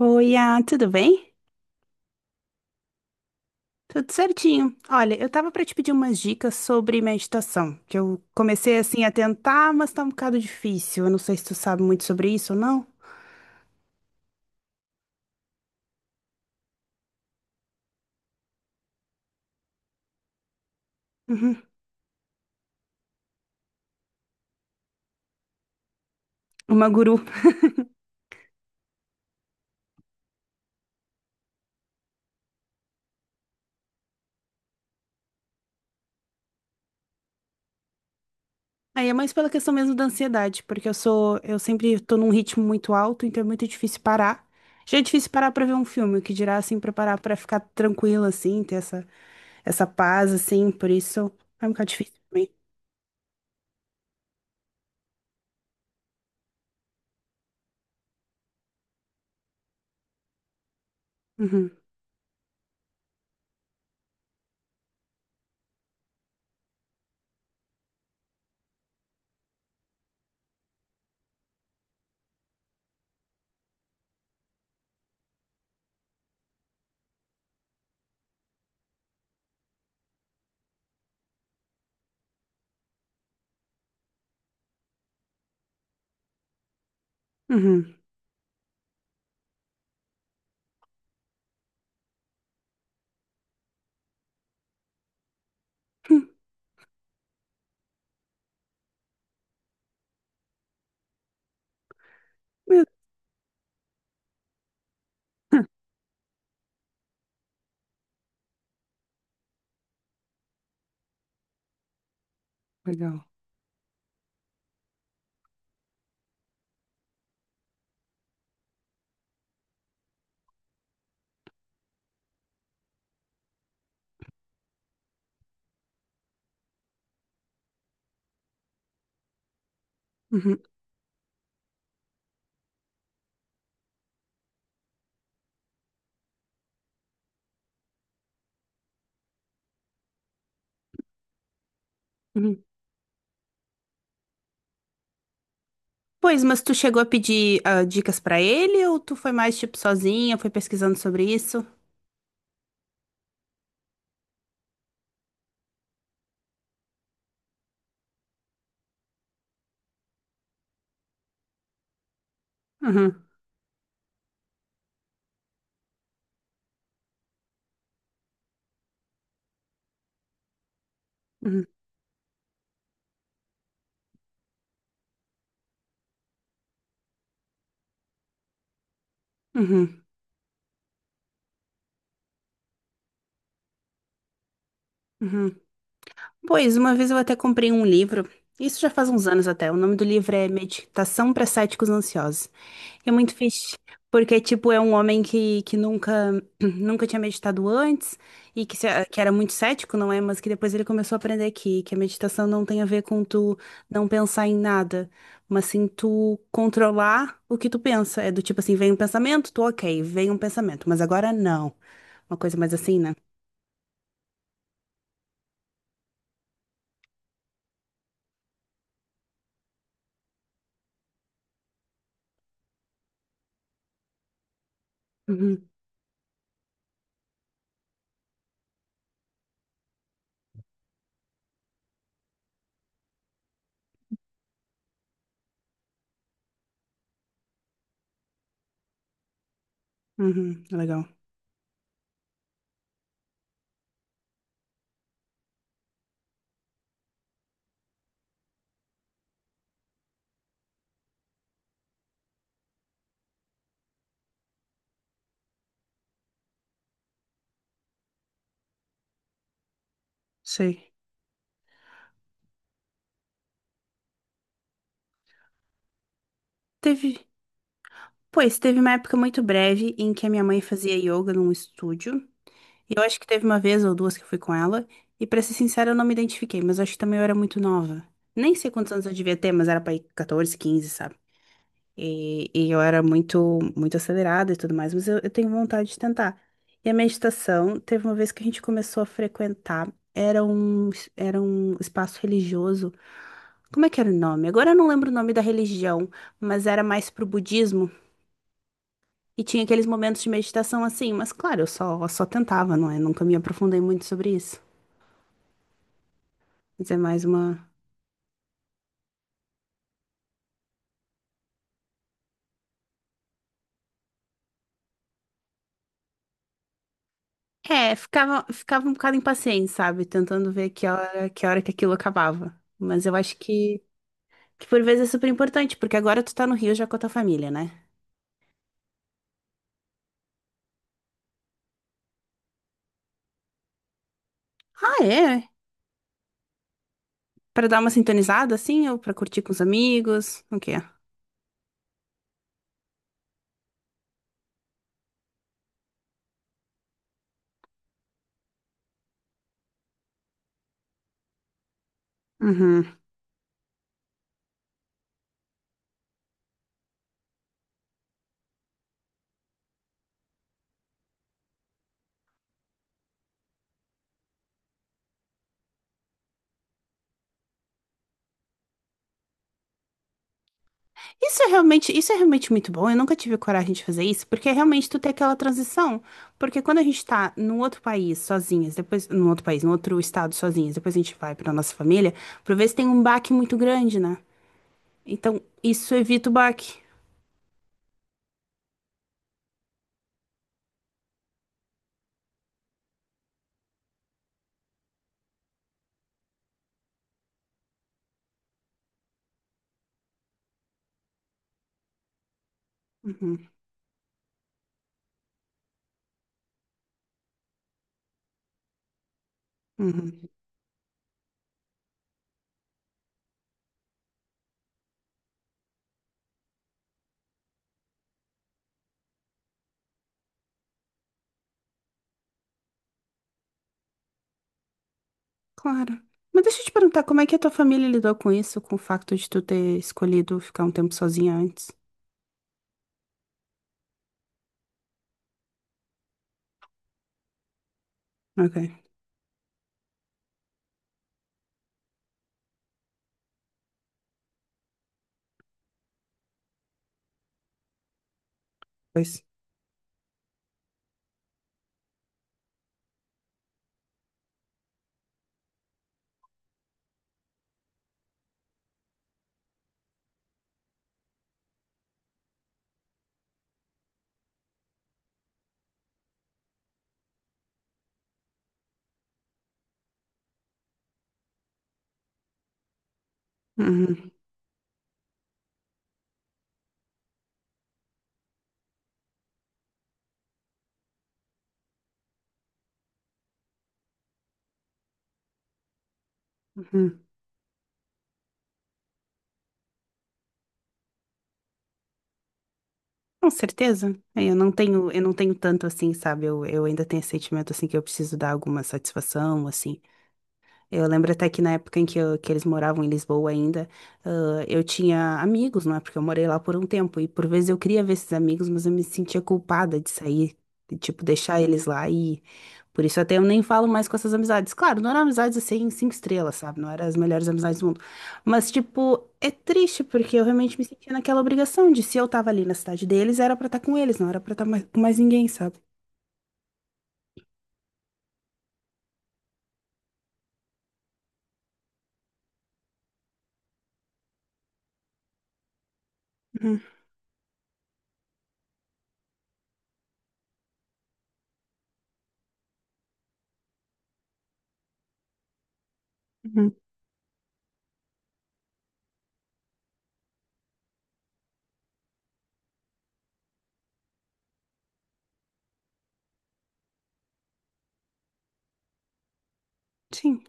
Oi, tudo bem? Tudo certinho. Olha, eu tava pra te pedir umas dicas sobre meditação, que eu comecei assim a tentar, mas tá um bocado difícil. Eu não sei se tu sabe muito sobre isso ou não. Uhum. Uma guru. Aí é mais pela questão mesmo da ansiedade, porque eu sempre tô num ritmo muito alto, então é muito difícil parar. Já é difícil parar pra ver um filme, o que dirá assim pra parar pra ficar tranquila assim, ter essa paz assim, por isso é um bocado difícil pra mim. Uhum. Uhum. Hum. Legal. Uhum. Uhum. Pois, mas tu chegou a pedir dicas pra ele ou tu foi mais tipo sozinha, foi pesquisando sobre isso? Uhum, uhum, uhum, uhum. Pois, uma vez eu até comprei um livro, isso já faz uns anos até. O nome do livro é Meditação para Céticos Ansiosos. É muito fixe, porque, tipo, é um homem que nunca, nunca tinha meditado antes e que era muito cético, não é? Mas que depois ele começou a aprender que a meditação não tem a ver com tu não pensar em nada, mas sim tu controlar o que tu pensa. É do tipo assim, vem um pensamento, tu ok, vem um pensamento, mas agora não. Uma coisa mais assim, né? Uhum, uhum, legal. Sei. Teve, pois, teve uma época muito breve em que a minha mãe fazia yoga num estúdio. E eu acho que teve uma vez ou duas que eu fui com ela, e pra ser sincera, eu não me identifiquei, mas eu acho que também eu era muito nova. Nem sei quantos anos eu devia ter, mas era pra ir 14, 15, sabe? E eu era muito, muito acelerada e tudo mais, mas eu tenho vontade de tentar. E a meditação, teve uma vez que a gente começou a frequentar, era um espaço religioso. Como é que era o nome? Agora eu não lembro o nome da religião, mas era mais pro budismo. E tinha aqueles momentos de meditação assim, mas claro, só tentava, não é? Nunca me aprofundei muito sobre isso. Mas é mais uma. É, ficava um bocado impaciente, sabe? Tentando ver que hora que aquilo acabava. Mas que por vezes é super importante, porque agora tu tá no Rio já com a tua família, né? Ah, é? Pra dar uma sintonizada, assim, ou pra curtir com os amigos, o quê? Uhum. Isso é realmente muito bom. Eu nunca tive coragem de fazer isso, porque é realmente tu tem aquela transição. Porque quando a gente tá num outro país sozinhas, depois, num outro país, num outro estado sozinhas, depois a gente vai pra nossa família, por vezes tem um baque muito grande, né? Então, isso evita o baque. Uhum, uhum. Claro. Mas deixa eu te perguntar, como é que a tua família lidou com isso, com o facto de tu ter escolhido ficar um tempo sozinha antes? Ok, pois. Uhum, uhum. Com certeza. É, eu não tenho, eu não tenho tanto assim, sabe? Eu ainda tenho esse sentimento assim que eu preciso dar alguma satisfação, assim. Eu lembro até que na época em que eles moravam em Lisboa ainda, eu tinha amigos, não é? Porque eu morei lá por um tempo. E por vezes eu queria ver esses amigos, mas eu me sentia culpada de sair, de, tipo, deixar eles lá. E por isso até eu nem falo mais com essas amizades. Claro, não eram amizades assim, cinco estrelas, sabe? Não eram as melhores amizades do mundo. Mas, tipo, é triste, porque eu realmente me sentia naquela obrigação de se eu tava ali na cidade deles, era pra estar com eles, não era pra estar mais, com mais ninguém, sabe? Uhum, uhum. Sim,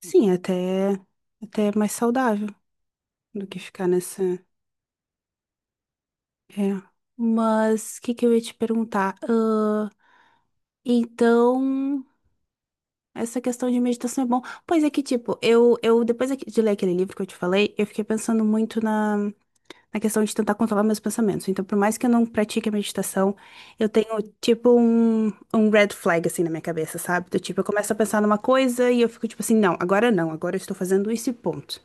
sim, até, até é mais saudável. Do que ficar nessa. É. Mas o que que eu ia te perguntar? Ah, então, essa questão de meditação é bom. Pois é que, tipo, eu depois de ler aquele livro que eu te falei, eu fiquei pensando muito na questão de tentar controlar meus pensamentos. Então, por mais que eu não pratique a meditação, eu tenho, tipo, um red flag, assim, na minha cabeça, sabe? Do tipo, eu começo a pensar numa coisa e eu fico, tipo assim, não, agora não, agora eu estou fazendo isso e ponto.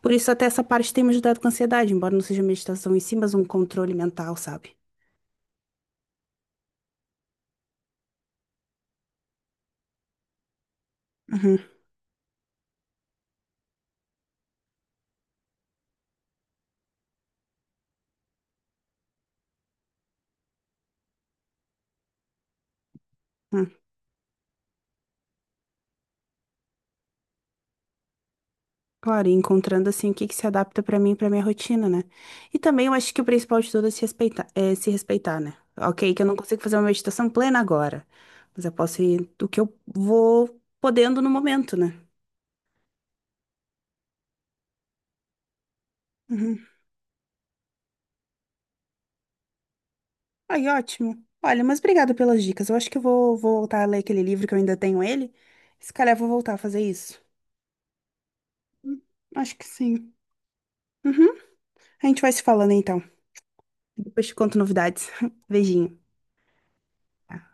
Por isso, até essa parte tem me ajudado com a ansiedade, embora não seja meditação em si, mas um controle mental, sabe? Uhum, uhum. Claro, e encontrando assim o que que se adapta pra mim, e pra minha rotina, né? E também eu acho que o principal de tudo é se respeitar, né? Ok, que eu não consigo fazer uma meditação plena agora, mas eu posso ir do que eu vou podendo no momento, né? Uhum. Ai, ótimo. Olha, mas obrigado pelas dicas. Eu acho que vou voltar a ler aquele livro que eu ainda tenho ele. Se calhar eu vou voltar a fazer isso. Hum. Acho que sim. Uhum. A gente vai se falando então. Depois te conto novidades. Beijinho. Tá.